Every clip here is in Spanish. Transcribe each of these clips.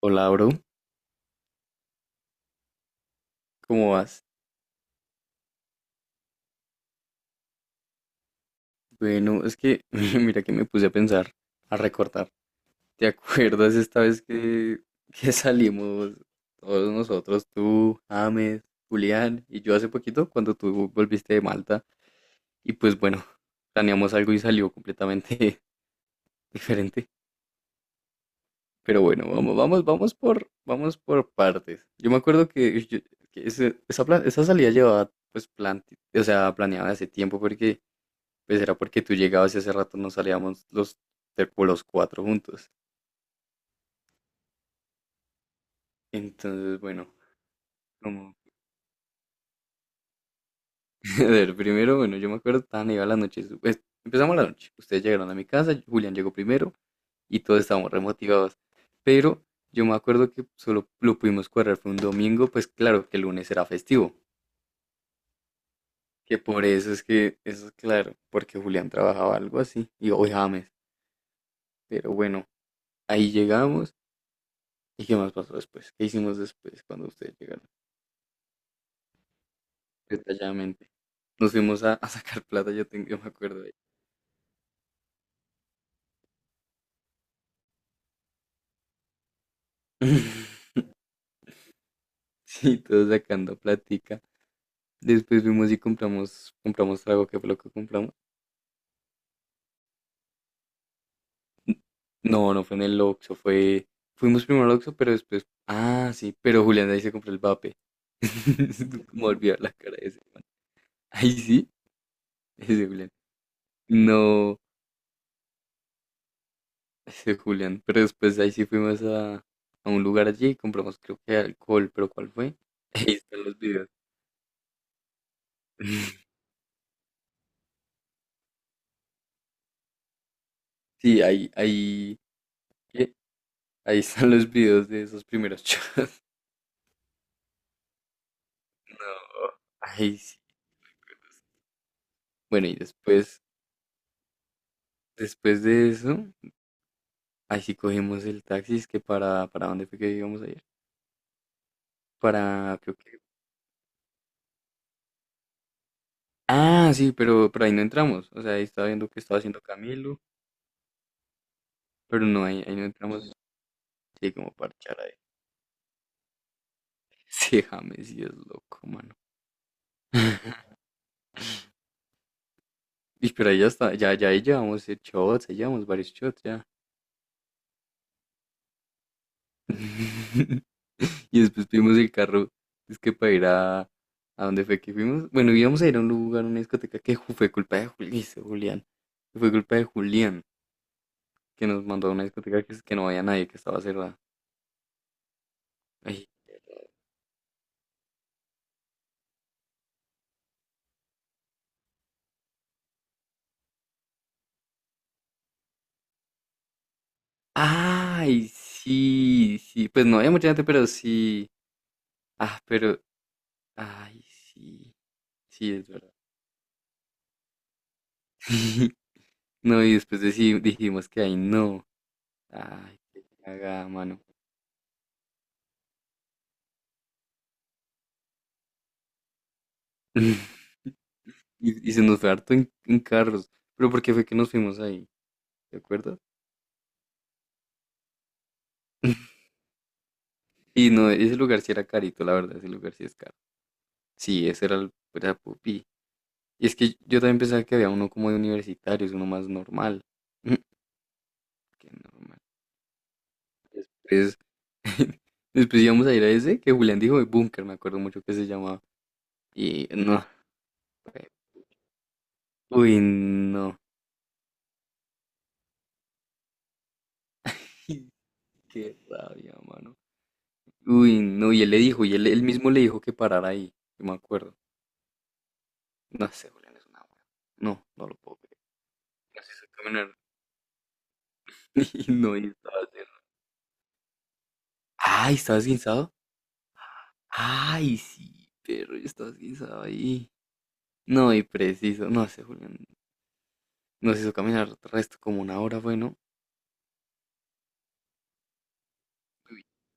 Hola, bro, ¿cómo vas? Bueno, es que mira que me puse a pensar, a recordar. ¿Te acuerdas esta vez que salimos todos nosotros, tú, James, Julián y yo hace poquito cuando tú volviste de Malta? Y pues bueno, planeamos algo y salió completamente diferente. Pero bueno, vamos por partes. Yo me acuerdo que esa salida llevaba pues plan, o sea, planeada hace tiempo porque pues era porque tú llegabas y hace rato no salíamos como los cuatro juntos. Entonces, bueno, como, a ver, primero, bueno, yo me acuerdo, estaban iba la noche, su- pues, empezamos la noche, ustedes llegaron a mi casa, Julián llegó primero y todos estábamos remotivados. Pero yo me acuerdo que solo lo pudimos cuadrar, fue un domingo, pues claro que el lunes era festivo, que por eso es que, eso es claro, porque Julián trabajaba algo así, y hoy James, pero bueno, ahí llegamos. ¿Y qué más pasó después? ¿Qué hicimos después cuando ustedes llegaron? Detalladamente. Nos fuimos a sacar plata, yo me acuerdo de ahí. Sí, todos sacando platica. Después fuimos y compramos trago. ¿Qué fue lo que compramos? No, no fue en el Oxxo, fue... Fuimos primero al Oxxo, pero después... Ah, sí, pero Julián ahí se compró el vape. Como olvidar la cara de ese. Ahí sí, ese Julián. No, ese Julián. Pero después ahí sí fuimos a un lugar allí y compramos creo que alcohol, pero ¿cuál fue? Ahí están los videos. Sí, ahí. Ahí están los videos de esos primeros shows. No. Ahí sí. Bueno, y después, después de eso, ahí sí cogimos el taxi. Es que para dónde fue que íbamos ayer. Para, creo que... Ah, sí, pero ahí no entramos. O sea, ahí estaba viendo que estaba haciendo Camilo, pero no, ahí no entramos. Sí, como parchar ahí. Sí, James sí es loco, mano. Y pero ahí ya está, ya ahí llevamos shots, ahí llevamos varios shots ya. Y después tuvimos el carro, es que para ir a dónde fue que fuimos. Bueno, íbamos a ir a un lugar, a una discoteca que fue culpa de ese Julián. Que fue culpa de Julián que nos mandó a una discoteca que no había nadie, que estaba cerrada. Ay, ay, sí, sí. Pues no había mucha gente, pero sí. Ah, pero, ay, sí, sí, es verdad. No, y después dijimos que ahí no. Ay, qué cagada, mano. Y, y se nos fue harto en carros. Pero porque fue que nos fuimos ahí, ¿te acuerdas? Y no, ese lugar sí era carito, la verdad, ese lugar sí es caro. Sí, ese era el era pupi. Y es que yo también pensaba que había uno como de universitarios, uno más normal. Qué normal. Entonces, después íbamos a ir a ese que Julián dijo de búnker, me acuerdo mucho que se llamaba. Y no, fue- uy, no. Qué rabia, mano. Uy, no, y él le dijo, y él mismo le dijo que parara ahí, yo me acuerdo. No sé, Julián, es una wea. No, no lo puedo creer. Nos hizo caminar. Y no, y estaba haciendo. Ay, ¿estabas guinzado? Ay, sí, perro, yo estaba guinzado ahí. No, y preciso. No sé, Julián. Nos hizo caminar resto como una hora, bueno.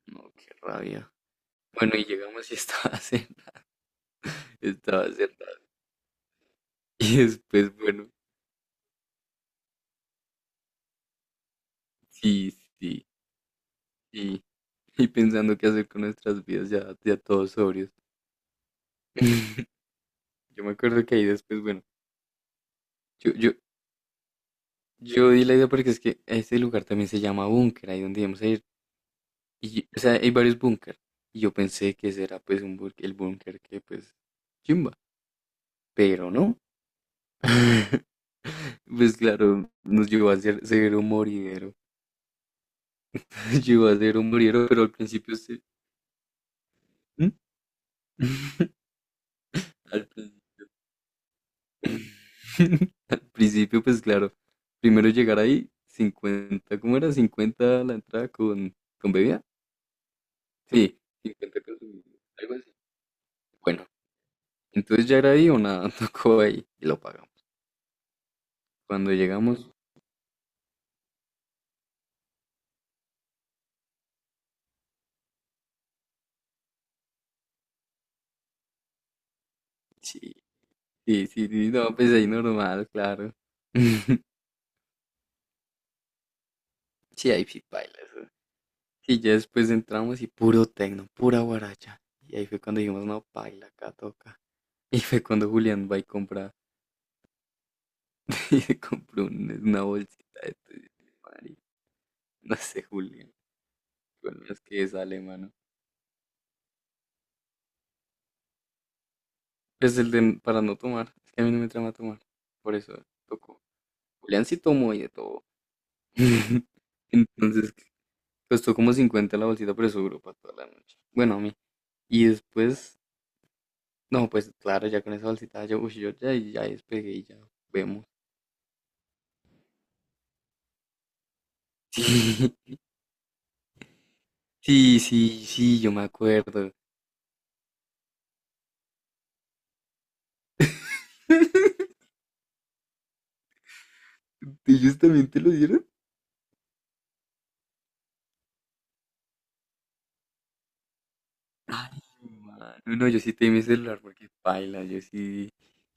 No, qué rabia. Bueno, y llegamos y estaba cerrado. Estaba cerrado. Y después, bueno, sí, sí, sí. Y pensando qué hacer con nuestras vidas ya, ya todos sobrios. Yo me acuerdo que ahí después, bueno, yo, yo, yo di la idea porque es que este lugar también se llama búnker, ahí donde íbamos a ir. Y o sea, hay varios búnker. Y yo pensé que ese era pues un búnker, el búnker que pues chimba, pero no. Pues claro, nos llevó a ser un moridero. Nos a ser un moridero, pero al principio se... ¿Mm? Al, prin- al principio pues claro, primero llegar ahí, 50 ¿cómo era? Cincuenta la entrada con bebida. Sí, 50 con algo así. Bueno, entonces ya era ahí o nada, tocó ahí y lo pagamos. Cuando llegamos, sí, sí, sí, sí, no, pues ahí normal, claro. Sí, ahí sí baila eso. Y ya después entramos y puro tecno, pura guaracha. Y ahí fue cuando dijimos, no, baila, acá toca. Y fue cuando Julián va y compra, y se compró una bolsita de tuyo, marica. No sé, Julián, con las que sale, mano. Es el de para no tomar, es que a mí no me trama tomar, por eso tocó. Julián sí tomó y de todo. Entonces, costó como 50 la bolsita, pero eso duró para toda la noche. Bueno, a mí. Y después, no, pues claro, ya con esa bolsita, yo, uy, ya despegué y ya vemos. Sí, sí, sí, sí, yo me acuerdo. ¿Ellos también te lo dieron? Ay, mano. No, yo sí te di mi celular porque paila, yo sí.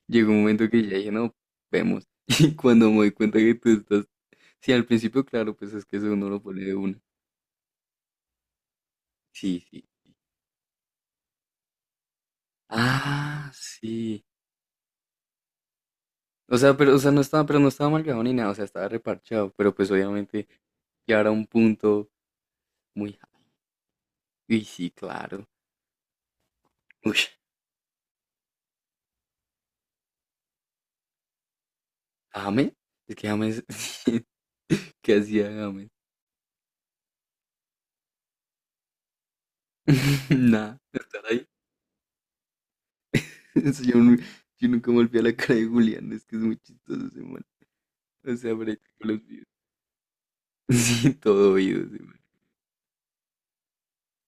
Llegó un momento que ya dije, no, vemos. Y cuando me doy cuenta que tú estás. Sí, al principio, claro, pues es que eso uno lo pone de una. Sí, sí. Ah, sí. O sea, pero, o sea, no estaba, pero no estaba marcado ni nada, o sea, estaba reparchado, pero pues obviamente ya era un punto muy... Uy, sí, claro. Uy, James, es que James, ¿qué hacía James? Nada, estar ahí. Eso. Yo nunca me olvidé la cara de Julián, es que es muy chistoso ese man. O sea, por ahí tengo los videos. Sí, todo oído ese man.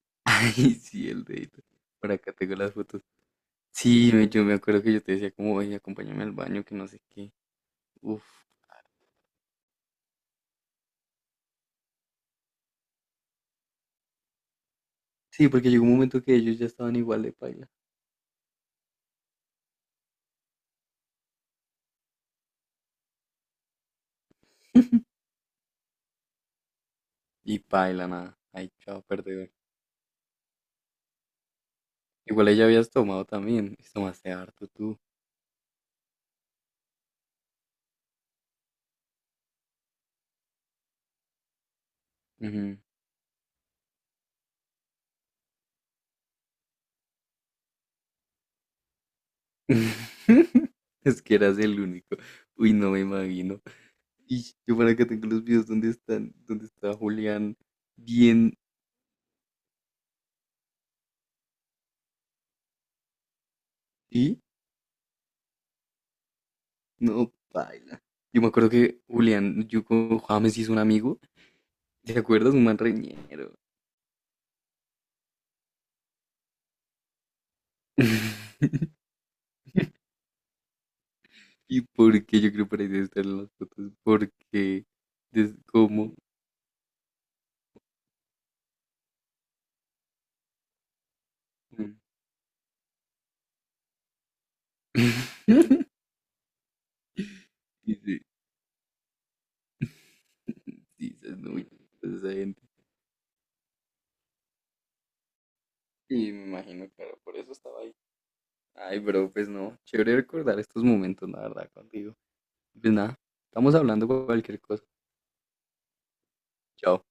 Ay, sí, el dedito. Por acá tengo las fotos. Yo me acuerdo que yo te decía como, oye, acompáñame al baño, que no sé qué. Uf. Sí, porque llegó un momento que ellos ya estaban igual de paila. Y paila, nada. Ay, chao, perdedor. Igual ella habías tomado también. Y tomaste harto tú. Ujú. Es que eras el único. Uy, no me imagino. Y yo para que tengo los videos donde están, donde está Julián bien. ¿Y? No, paila. Yo me acuerdo que Julián, yo con James hizo un amigo. ¿Te acuerdas? Un man reñero. ¿Y por qué yo creo por ahí debe estar en las fotos? Porque es como... Dice, dice, es muy esa gente. Y me imagino, claro, por eso estaba ahí. Ay, pero pues no, chévere recordar estos momentos, la verdad, contigo. Pues nada, estamos hablando cualquier cosa. Chao.